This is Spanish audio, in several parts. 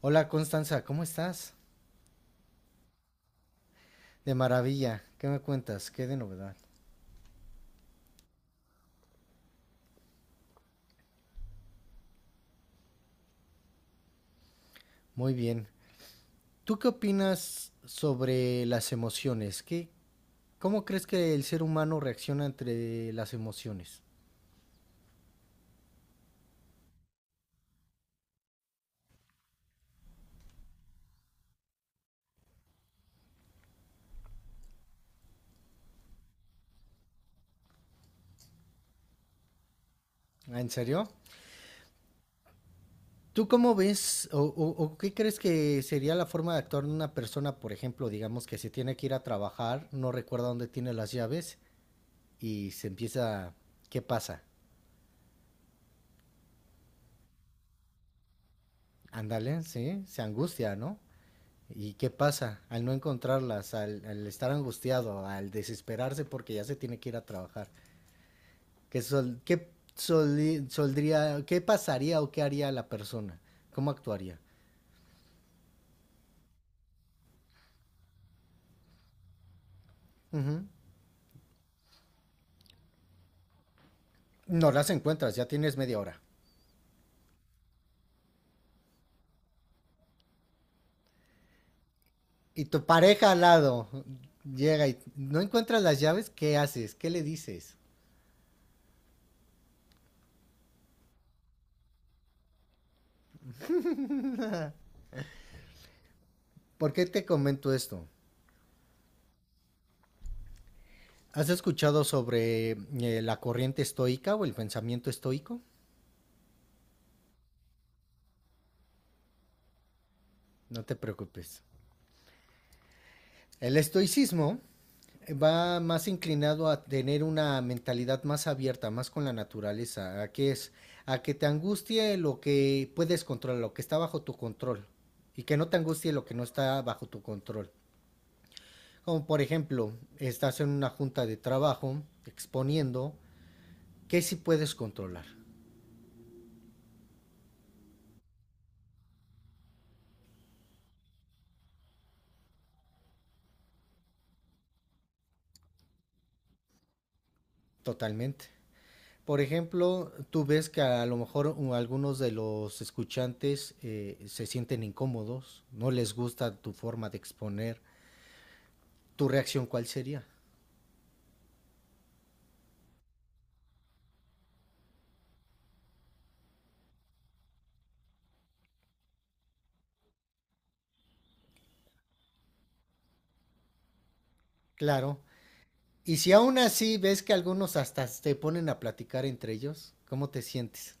Hola Constanza, ¿cómo estás? De maravilla, ¿qué me cuentas? ¿Qué de novedad? Muy bien. ¿Tú qué opinas sobre las emociones? ¿Cómo crees que el ser humano reacciona entre las emociones? Ah, ¿en serio? ¿Tú cómo ves o qué crees que sería la forma de actuar de una persona? Por ejemplo, digamos que se tiene que ir a trabajar, no recuerda dónde tiene las llaves y se empieza... ¿Qué pasa? Ándale, sí, se angustia, ¿no? ¿Y qué pasa? Al no encontrarlas, al estar angustiado, al desesperarse porque ya se tiene que ir a trabajar. ¿Qué soldría, qué pasaría o qué haría la persona? ¿Cómo actuaría? Ujú. No las encuentras, ya tienes media hora. Y tu pareja al lado llega y no encuentras las llaves, ¿qué haces? ¿Qué le dices? ¿Por qué te comento esto? ¿Has escuchado sobre la corriente estoica o el pensamiento estoico? No te preocupes. El estoicismo va más inclinado a tener una mentalidad más abierta, más con la naturaleza, a que te angustie lo que puedes controlar, lo que está bajo tu control, y que no te angustie lo que no está bajo tu control. Como por ejemplo, estás en una junta de trabajo exponiendo que sí puedes controlar totalmente. Por ejemplo, tú ves que a lo mejor algunos de los escuchantes se sienten incómodos, no les gusta tu forma de exponer. ¿Tu reacción cuál sería? Claro. Y si aún así ves que algunos hasta se ponen a platicar entre ellos, ¿cómo te sientes?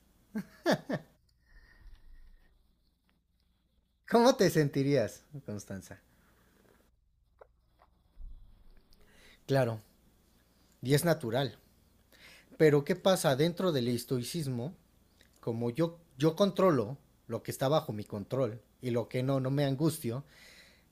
¿Cómo te sentirías, Constanza? Claro, y es natural. Pero ¿qué pasa dentro del estoicismo? Como yo controlo lo que está bajo mi control, y lo que no, no me angustio.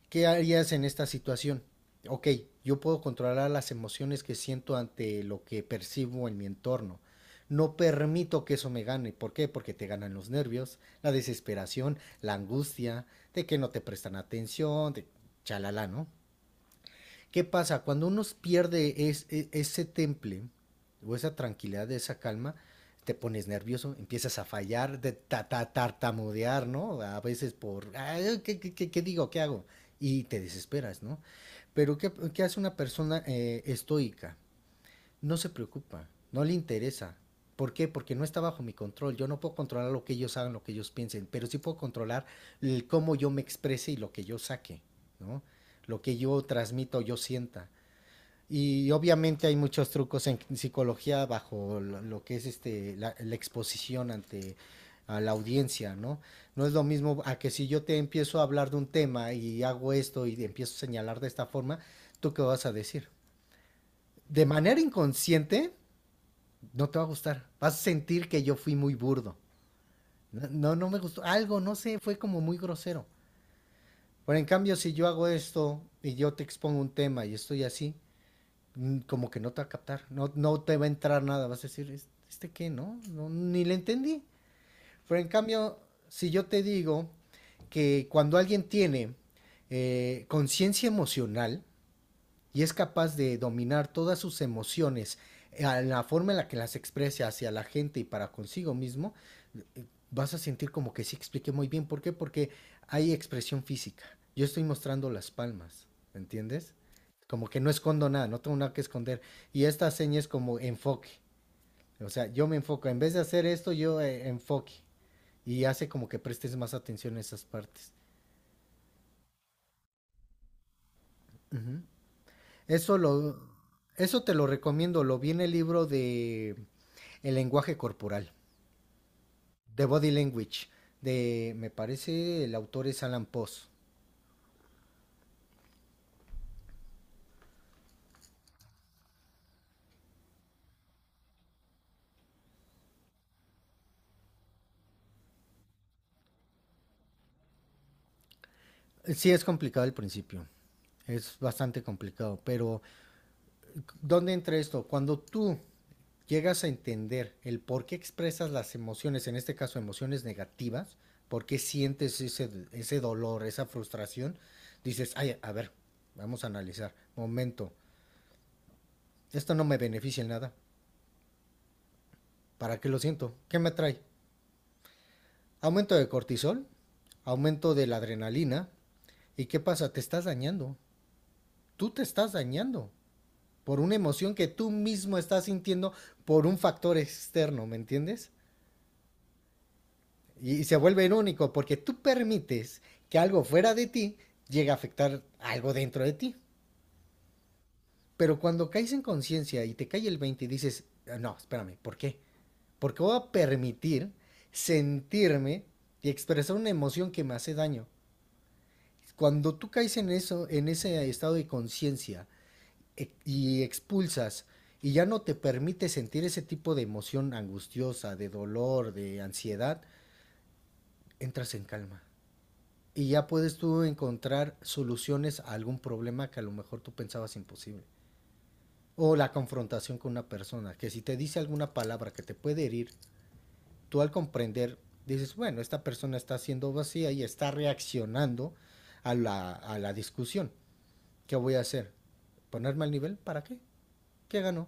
¿Qué harías en esta situación? Ok, yo puedo controlar las emociones que siento ante lo que percibo en mi entorno. No permito que eso me gane. ¿Por qué? Porque te ganan los nervios, la desesperación, la angustia, de que no te prestan atención, de chalala, ¿no? ¿Qué pasa? Cuando uno pierde ese temple o esa tranquilidad, esa calma, te pones nervioso, empiezas a fallar, de tartamudear, ¿no? A veces por: "Ay, ¿qué digo? ¿Qué hago?". Y te desesperas, ¿no? Pero ¿qué hace una persona estoica? No se preocupa, no le interesa. ¿Por qué? Porque no está bajo mi control. Yo no puedo controlar lo que ellos hagan, lo que ellos piensen, pero sí puedo controlar el cómo yo me exprese y lo que yo saque, ¿no? Lo que yo transmito, yo sienta. Y obviamente hay muchos trucos en psicología bajo lo que es, este, la exposición ante a la audiencia, ¿no? No es lo mismo a que si yo te empiezo a hablar de un tema y hago esto y te empiezo a señalar de esta forma, ¿tú qué vas a decir? De manera inconsciente, no te va a gustar. Vas a sentir que yo fui muy burdo. No, no, no me gustó. Algo, no sé, fue como muy grosero. Pero en cambio, si yo hago esto y yo te expongo un tema y estoy así, como que no te va a captar, no, no te va a entrar nada, vas a decir: "¿Es- "¿este qué? No, no, ni le entendí". Pero en cambio, si yo te digo que cuando alguien tiene conciencia emocional, y es capaz de dominar todas sus emociones a la forma en la que las expresa hacia la gente y para consigo mismo, eh, vas a sentir como que sí expliqué muy bien. ¿Por qué? Porque hay expresión física. Yo estoy mostrando las palmas, ¿entiendes? Como que no escondo nada, no tengo nada que esconder. Y esta seña es como enfoque. O sea, yo me enfoco. En vez de hacer esto, yo, enfoque. Y hace como que prestes más atención a esas partes. Uh -huh. Eso lo, eso te lo recomiendo. Lo vi en el libro de El lenguaje corporal, The Body Language, de, me parece, el autor es Alan Post. Sí, es complicado al principio, es bastante complicado, pero ¿dónde entra esto? Cuando tú llegas a entender el por qué expresas las emociones, en este caso emociones negativas, por qué sientes ese dolor, esa frustración, dices: "Ay, a ver, vamos a analizar, momento, esto no me beneficia en nada, ¿para qué lo siento? ¿Qué me trae?". Aumento de cortisol, aumento de la adrenalina. ¿Y qué pasa? Te estás dañando. Tú te estás dañando por una emoción que tú mismo estás sintiendo por un factor externo, ¿me entiendes? Y se vuelve irónico porque tú permites que algo fuera de ti llegue a afectar algo dentro de ti. Pero cuando caes en conciencia y te cae el 20 y dices: "Ah, no, espérame, ¿por qué? Porque voy a permitir sentirme y expresar una emoción que me hace daño". Cuando tú caes en eso, en ese estado de conciencia, y expulsas, y ya no te permite sentir ese tipo de emoción angustiosa, de dolor, de ansiedad, entras en calma. Y ya puedes tú encontrar soluciones a algún problema que a lo mejor tú pensabas imposible. O la confrontación con una persona, que si te dice alguna palabra que te puede herir, tú al comprender dices: "Bueno, esta persona está siendo vacía y está reaccionando a la discusión. ¿Qué voy a hacer? ¿Ponerme al nivel? ¿Para qué? ¿Qué ganó?".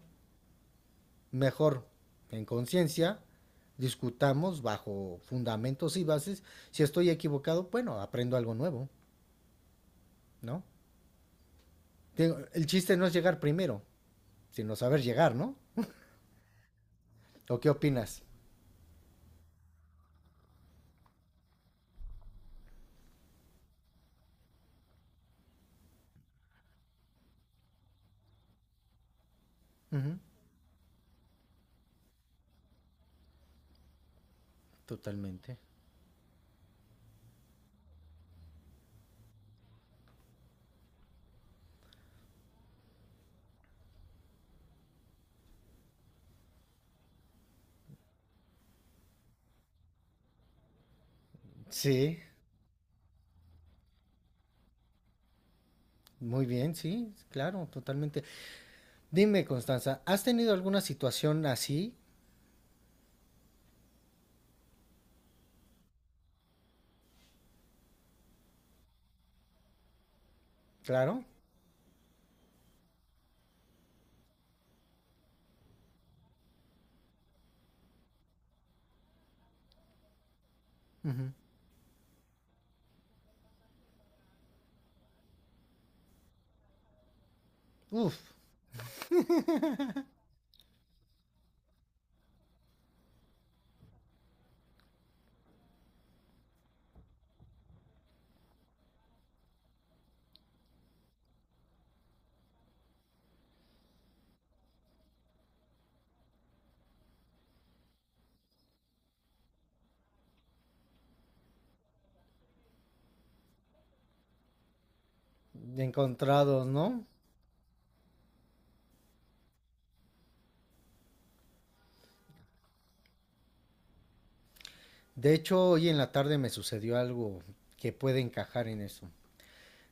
Mejor, en conciencia, discutamos bajo fundamentos y bases. Si estoy equivocado, bueno, aprendo algo nuevo, ¿no? El chiste no es llegar primero, sino saber llegar, ¿no? ¿O qué opinas? Ujú. Totalmente. Sí, muy bien, sí, claro, totalmente. Dime, Constanza, ¿has tenido alguna situación así? Claro. Ujú. Uf. Encontrados, ¿no? De hecho, hoy en la tarde me sucedió algo que puede encajar en eso.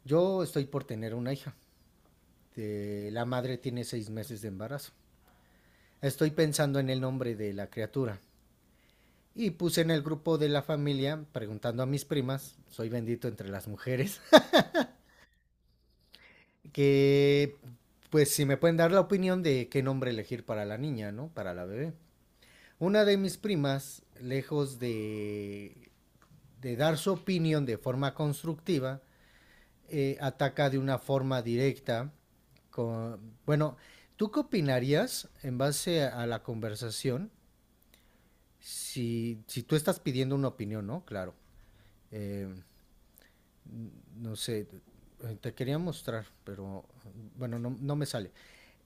Yo estoy por tener una hija. La madre tiene 6 meses de embarazo. Estoy pensando en el nombre de la criatura. Y puse en el grupo de la familia, preguntando a mis primas, soy bendito entre las mujeres, que pues si me pueden dar la opinión de qué nombre elegir para la niña, ¿no? Para la bebé. Una de mis primas, lejos de, dar su opinión de forma constructiva, ataca de una forma directa. Bueno, ¿tú qué opinarías en base a la conversación? Si tú estás pidiendo una opinión, ¿no? Claro. Eh, no sé, te quería mostrar, pero bueno, no, no me sale.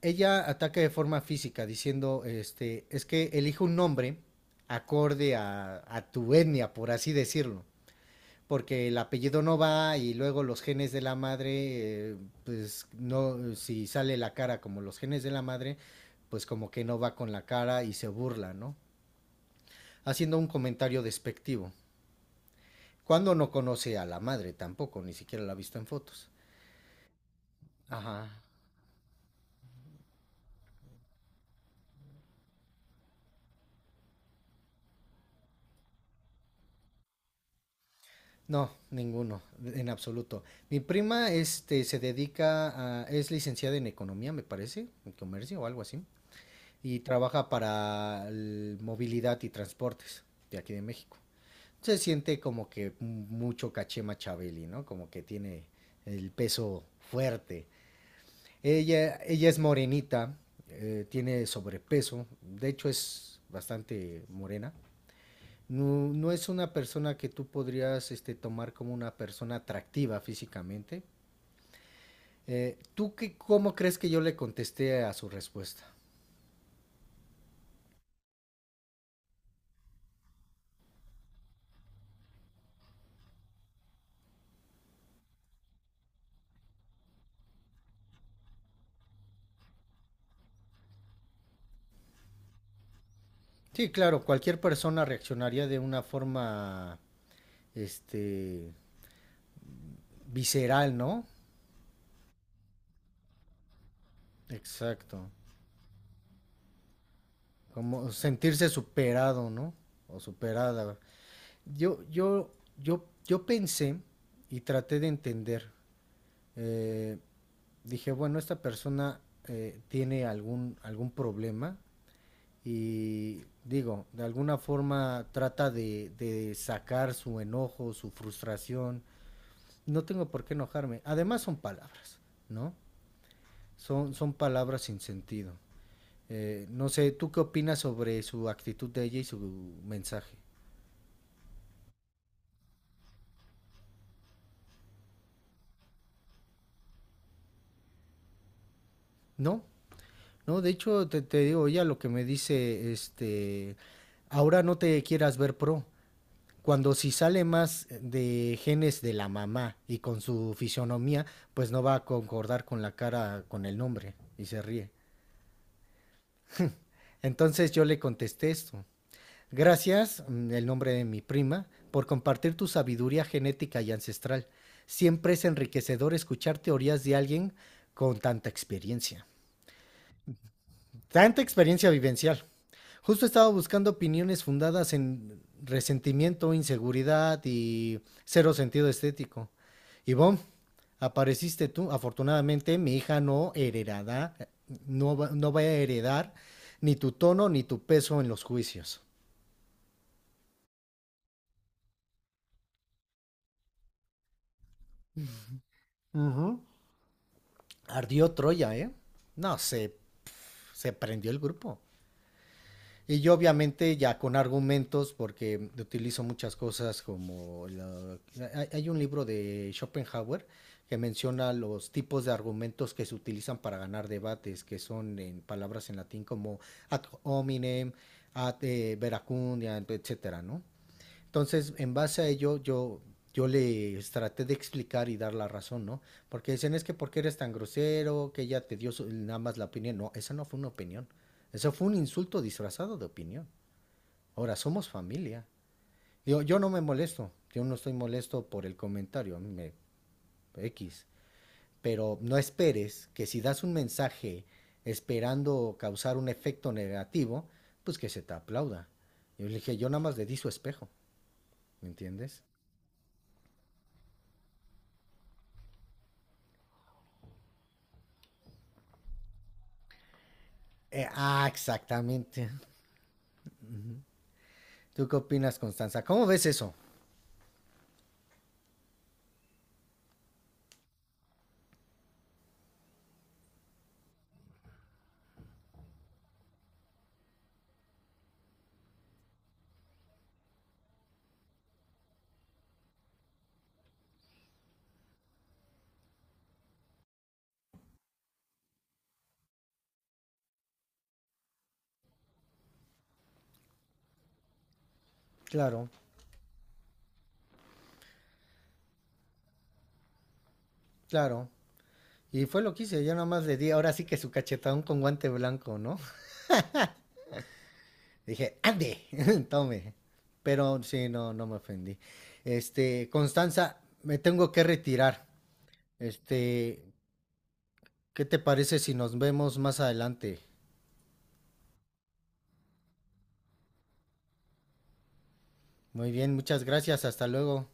Ella ataca de forma física diciendo, es que elige un nombre acorde a tu etnia, por así decirlo, porque el apellido no va y luego los genes de la madre, pues no, si sale la cara como los genes de la madre, pues como que no va con la cara, y se burla, ¿no? Haciendo un comentario despectivo. Cuando no conoce a la madre tampoco, ni siquiera la ha visto en fotos. Ajá. No, ninguno, en absoluto. Mi prima, se dedica a, es licenciada en economía, me parece, en comercio o algo así, y trabaja para el movilidad y transportes de aquí de México. Se siente como que mucho caché Machiavelli, ¿no? Como que tiene el peso fuerte. Ella es morenita, tiene sobrepeso, de hecho es bastante morena. No, no es una persona que tú podrías, tomar como una persona atractiva físicamente. ¿Tú cómo crees que yo le contesté a su respuesta? Sí, claro, cualquier persona reaccionaría de una forma, este, visceral, ¿no? Exacto. Como sentirse superado, ¿no? O superada. Yo, yo, yo pensé y traté de entender. eh, Dije: "Bueno, esta persona tiene algún problema", y digo, de alguna forma trata de sacar su enojo, su frustración. No tengo por qué enojarme. Además son palabras, ¿no? Son palabras sin sentido. No sé, ¿tú qué opinas sobre su actitud de ella y su mensaje? No, no, de hecho, te digo, ella lo que me dice, ahora no te quieras ver pro. Cuando si sale más de genes de la mamá y con su fisionomía, pues no va a concordar con la cara, con el nombre, y se ríe. Entonces yo le contesté esto: "Gracias, el nombre de mi prima, por compartir tu sabiduría genética y ancestral. Siempre es enriquecedor escuchar teorías de alguien con tanta experiencia. Tanta experiencia vivencial. Justo estaba buscando opiniones fundadas en resentimiento, inseguridad y cero sentido estético. Y bom, apareciste tú. Afortunadamente, mi hija no heredará, no va a heredar ni tu tono ni tu peso en los juicios". Ujú. Ardió Troya, ¿eh? No, se prendió el grupo. Y yo obviamente ya con argumentos, porque utilizo muchas cosas como... un libro de Schopenhauer que menciona los tipos de argumentos que se utilizan para ganar debates, que son en palabras en latín como ad hominem, ad veracundia, etcétera, ¿no? Entonces, en base a ello, yo les traté de explicar y dar la razón, ¿no? Porque dicen: "Es que ¿por qué eres tan grosero? Que ella te dio nada más la opinión". No, esa no fue una opinión. Eso fue un insulto disfrazado de opinión. Ahora, somos familia. Yo no me molesto. Yo no estoy molesto por el comentario. A mí me... X. Pero no esperes que si das un mensaje esperando causar un efecto negativo, pues que se te aplauda. Yo le dije, yo nada más le di su espejo, ¿me entiendes? Ah, exactamente. ¿Tú qué opinas, Constanza? ¿Cómo ves eso? Claro, claro. Y fue lo que hice, yo nada más le di, ahora sí que su cachetón con guante blanco, ¿no? Dije: "Ande, tome". Pero sí, no, no me ofendí. Constanza, me tengo que retirar. Este, ¿Qué te parece si nos vemos más adelante? Muy bien, muchas gracias, hasta luego.